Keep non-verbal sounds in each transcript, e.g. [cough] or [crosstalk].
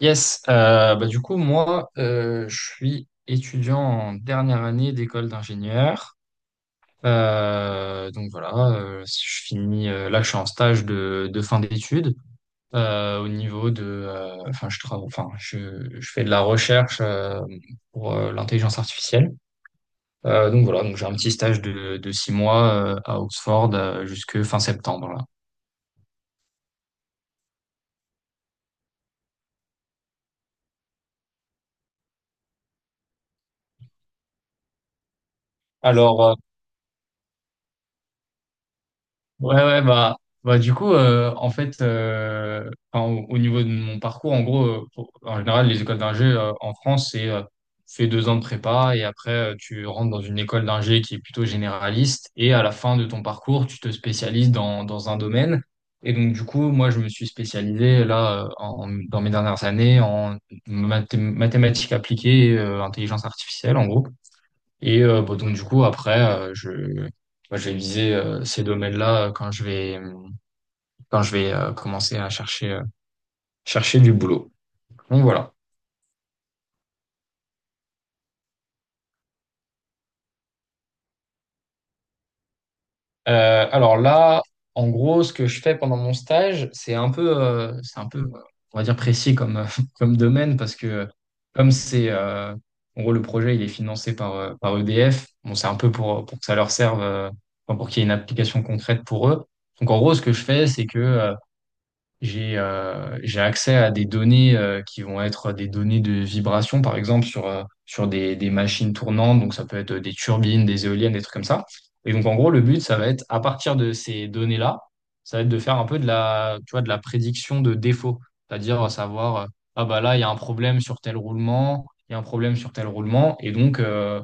Yes, bah du coup, moi, je suis étudiant en dernière année d'école d'ingénieur. Donc voilà, si je finis, là, je suis en stage de fin d'études, au niveau de, enfin, je travaille, enfin, je fais de la recherche, pour l'intelligence artificielle. Donc voilà, donc j'ai un petit stage de 6 mois , à Oxford, jusque fin septembre là. Alors. Ouais, ouais, bah du coup, en fait, enfin, au niveau de mon parcours, en gros, en général, les écoles d'ingé, en France, c'est, tu fais 2 ans de prépa et après, tu rentres dans une école d'ingé qui est plutôt généraliste et à la fin de ton parcours, tu te spécialises dans un domaine. Et donc, du coup, moi, je me suis spécialisé là, dans mes dernières années, en mathématiques appliquées, et intelligence artificielle, en gros. Et, bon, donc du coup après, je moi, je vais viser, ces domaines-là, quand je vais, commencer à chercher, chercher du boulot. Donc voilà. Alors là, en gros, ce que je fais pendant mon stage, c'est un peu, on va dire précis comme, [laughs] comme domaine parce que comme c'est en gros le projet il est financé par, par EDF. Bon c'est un peu pour que ça leur serve, enfin, pour qu'il y ait une application concrète pour eux. Donc en gros, ce que je fais, c'est que, j'ai accès à des données, qui vont être des données de vibration, par exemple, sur des machines tournantes. Donc, ça peut être des turbines, des éoliennes, des trucs comme ça. Et donc, en gros, le but, ça va être, à partir de ces données-là, ça va être de faire un peu tu vois, de la prédiction de défaut. C'est-à-dire, savoir, ah bah là, il y a un problème sur tel roulement, il y a un problème sur tel roulement. Et donc,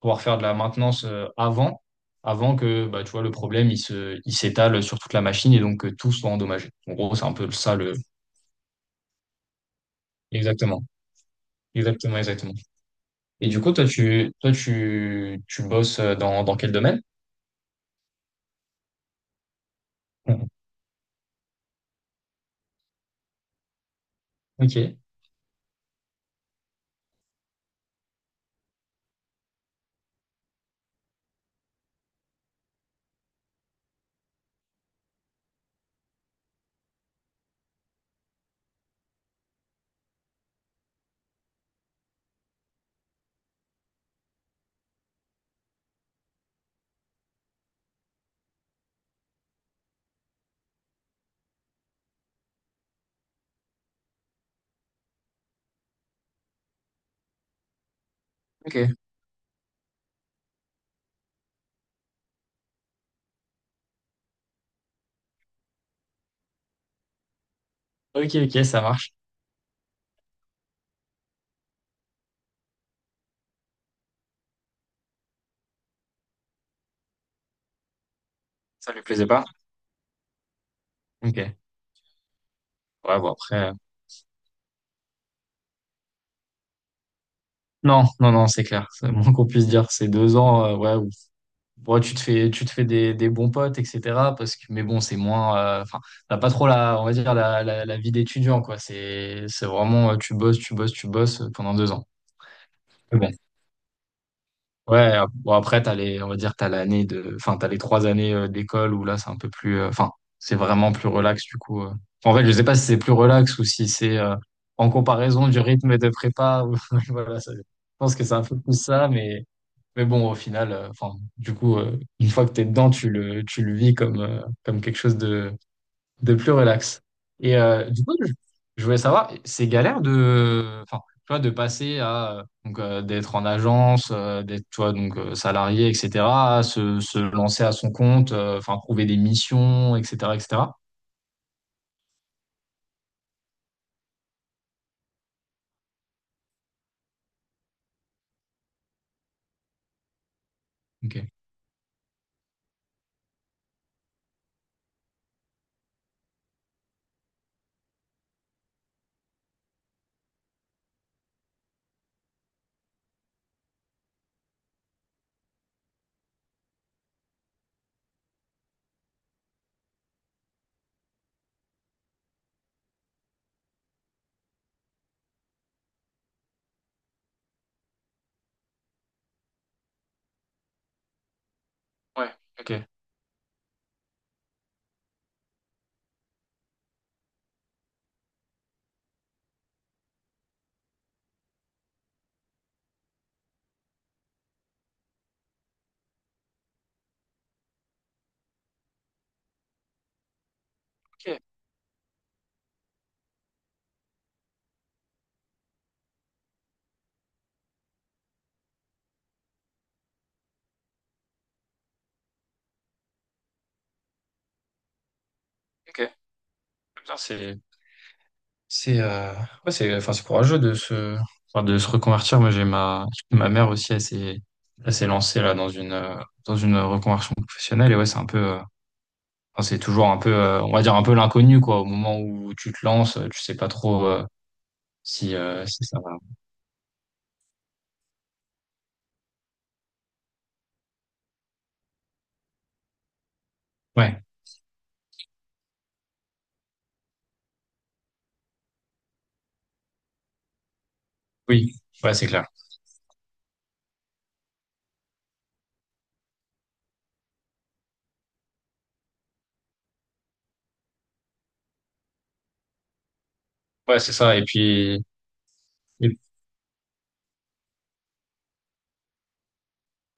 pouvoir faire de la maintenance, avant que bah, tu vois, le problème il s'étale sur toute la machine et donc que tout soit endommagé. En gros, c'est un peu ça le. Exactement, exactement, exactement. Et du coup, toi, tu bosses, dans quel domaine? [laughs] Mhm. Ok, ok, ok, ok, ça marche. Ça lui plaisait pas? Ok. Ouais, bon, après. Non, non, non, c'est clair. C'est le moins [laughs] qu'on puisse dire. C'est 2 ans, ouais, ouais, tu te fais des bons potes, etc. Parce que, mais bon, c'est moins. Enfin, t'as pas trop la, on va dire, la vie d'étudiant, quoi. C'est vraiment, tu bosses, tu bosses, tu bosses, pendant 2 ans. Mais bon. Ouais, bon, après, t'as les, on va dire, t'as l'année de. Enfin, t'as les 3 années , d'école où là, c'est un peu plus. Enfin, c'est vraiment plus relax, du coup. En fait, je sais pas si c'est plus relax ou si c'est, en comparaison du rythme de prépa. [laughs] Voilà, je pense que c'est un peu plus ça, mais. Mais bon, au final, enfin, du coup, une fois que t'es dedans, tu le vis comme, comme quelque chose de plus relax. Et, du coup, je voulais savoir, c'est galère de, enfin, tu vois, de passer à, donc, d'être en agence, d'être, tu vois, donc, salarié, etc., à se lancer à son compte, enfin, trouver des missions, etc., etc. Ok. Ouais, ok. Ok, ok. Putain, C'est ouais, c'est enfin c'est courageux de se enfin, de se reconvertir. Moi j'ai ma mère aussi, elle s'est lancée là dans une reconversion professionnelle. Et ouais, c'est un peu, enfin, c'est toujours un peu, on va dire un peu l'inconnu, quoi, au moment où tu te lances, tu sais pas trop, si ça va. Ouais. Oui. Ouais, c'est clair. Ouais, c'est ça. Et puis et-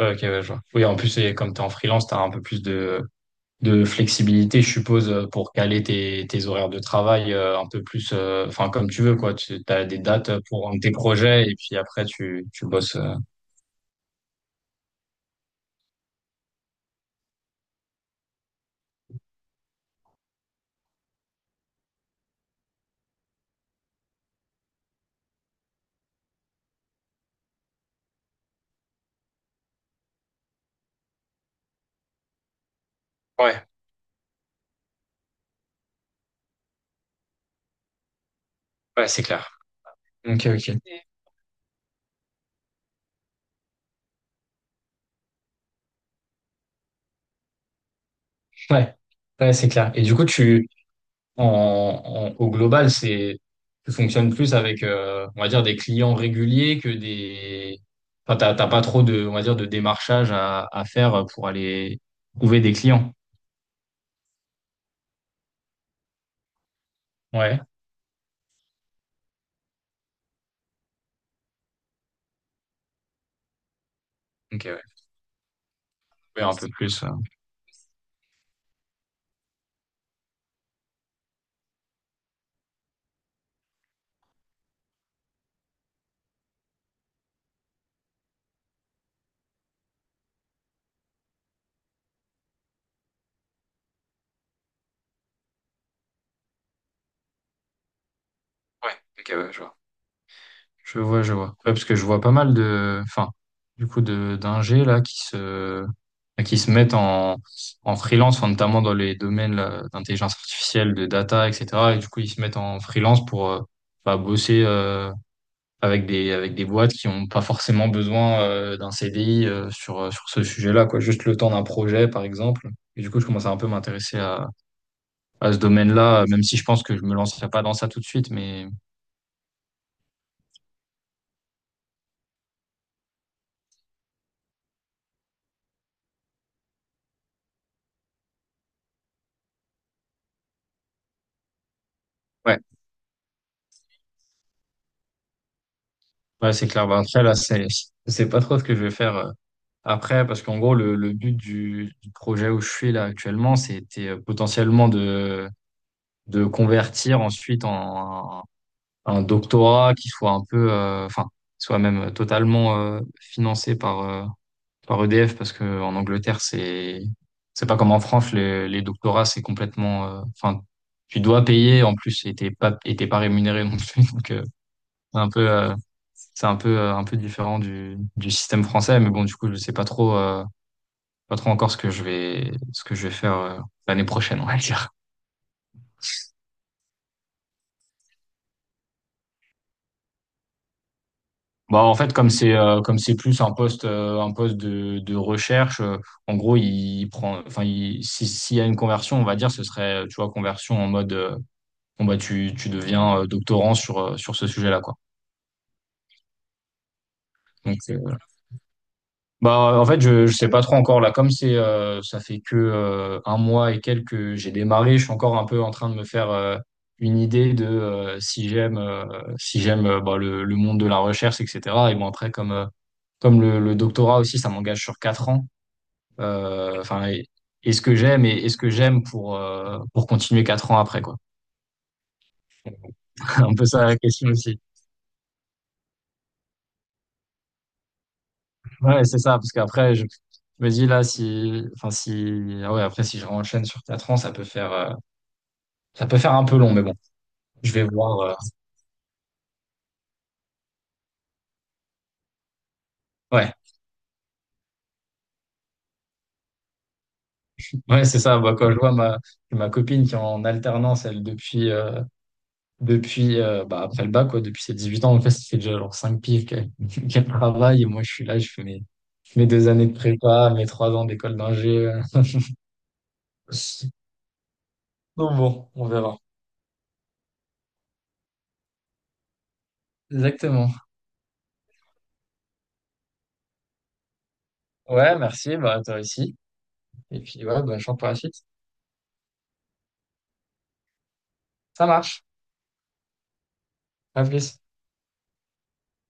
ouais, OK, ouais, je vois. Oui, en plus, c'est comme tu es en freelance, tu as un peu plus de flexibilité, je suppose, pour caler tes horaires de travail, un peu plus, enfin, comme tu veux, quoi. Tu as des dates pour tes projets et puis après, tu bosses. Ouais, ouais, c'est clair. Ok, ok. Ouais, ouais, c'est clair. Et du coup, en, au global, tu fonctionnes plus avec, on va dire, des clients réguliers que des, enfin, t'as pas trop de, on va dire, de démarchage à faire pour aller trouver des clients. Ouais. Ok, ouais. Ouais, un peu plus. Ouais, ok, ouais, je vois. Je vois, je vois. Ouais, parce que je vois pas mal de, enfin, du coup, de d'ingés là qui se mettent en freelance, enfin, notamment dans les domaines là, d'intelligence artificielle, de data, etc. Et du coup, ils se mettent en freelance pour, bah, bosser, avec des boîtes qui ont pas forcément besoin, d'un CDI , sur ce sujet-là, quoi. Juste le temps d'un projet, par exemple. Et du coup, je commence à un peu m'intéresser à ce domaine-là, même si je pense que je me lancerai pas dans ça tout de suite, mais ouais. Ouais, c'est clair. Ben, après, là, je sais pas trop ce que je vais faire, après, parce qu'en gros, le but du projet où je suis là actuellement, c'était, potentiellement de convertir ensuite en un doctorat qui soit un peu, enfin, soit même totalement, financé par, par EDF, parce que en Angleterre, c'est pas comme en France, les doctorats, c'est complètement, enfin, tu dois payer, en plus, et t'es pas rémunéré non plus. [laughs] Donc, c'est un peu, euh, c'est un peu différent du système français, mais bon, du coup, je sais pas trop, pas trop encore ce que je vais, faire, l'année prochaine, [laughs] on va dire. Bah, en fait, comme c'est plus un poste de recherche, en gros, il prend, enfin, il, si, s'il y a une conversion, on va dire, ce serait, tu vois, conversion en mode, bon, bah, tu deviens, doctorant sur, sur ce sujet-là, quoi. Donc, bah, en fait, je sais pas trop encore là. Ça fait que, un mois et quelques que j'ai démarré, je suis encore un peu en train de me faire, une idée de, si j'aime, bah, le monde de la recherche, etc. Et bon après, comme le doctorat aussi, ça m'engage sur 4 ans. Enfin, est-ce que j'aime et est-ce que j'aime pour, pour continuer 4 ans après, quoi. [laughs] Un peu ça, la question aussi. Ouais, c'est ça, parce qu'après je me dis là, si, enfin si, ah ouais, après, si je renchaîne sur 4 ans, ça peut faire. Ça peut faire un peu long, mais bon, je vais voir. Ouais, ouais, c'est ça. Bah, quand je vois ma copine qui est en alternance, elle, depuis, bah, après le bac, quoi, depuis ses 18 ans, en fait, ça fait déjà genre 5 piges qu'elle [laughs] qu'elle travaille. Et moi, je suis là, je fais mes 2 années de prépa, mes 3 ans d'école d'ingé. Donc bon, on verra. Exactement. Ouais, merci, bah, toi aussi. Et puis, ouais, bonne chance pour la suite. Ça marche. À plus.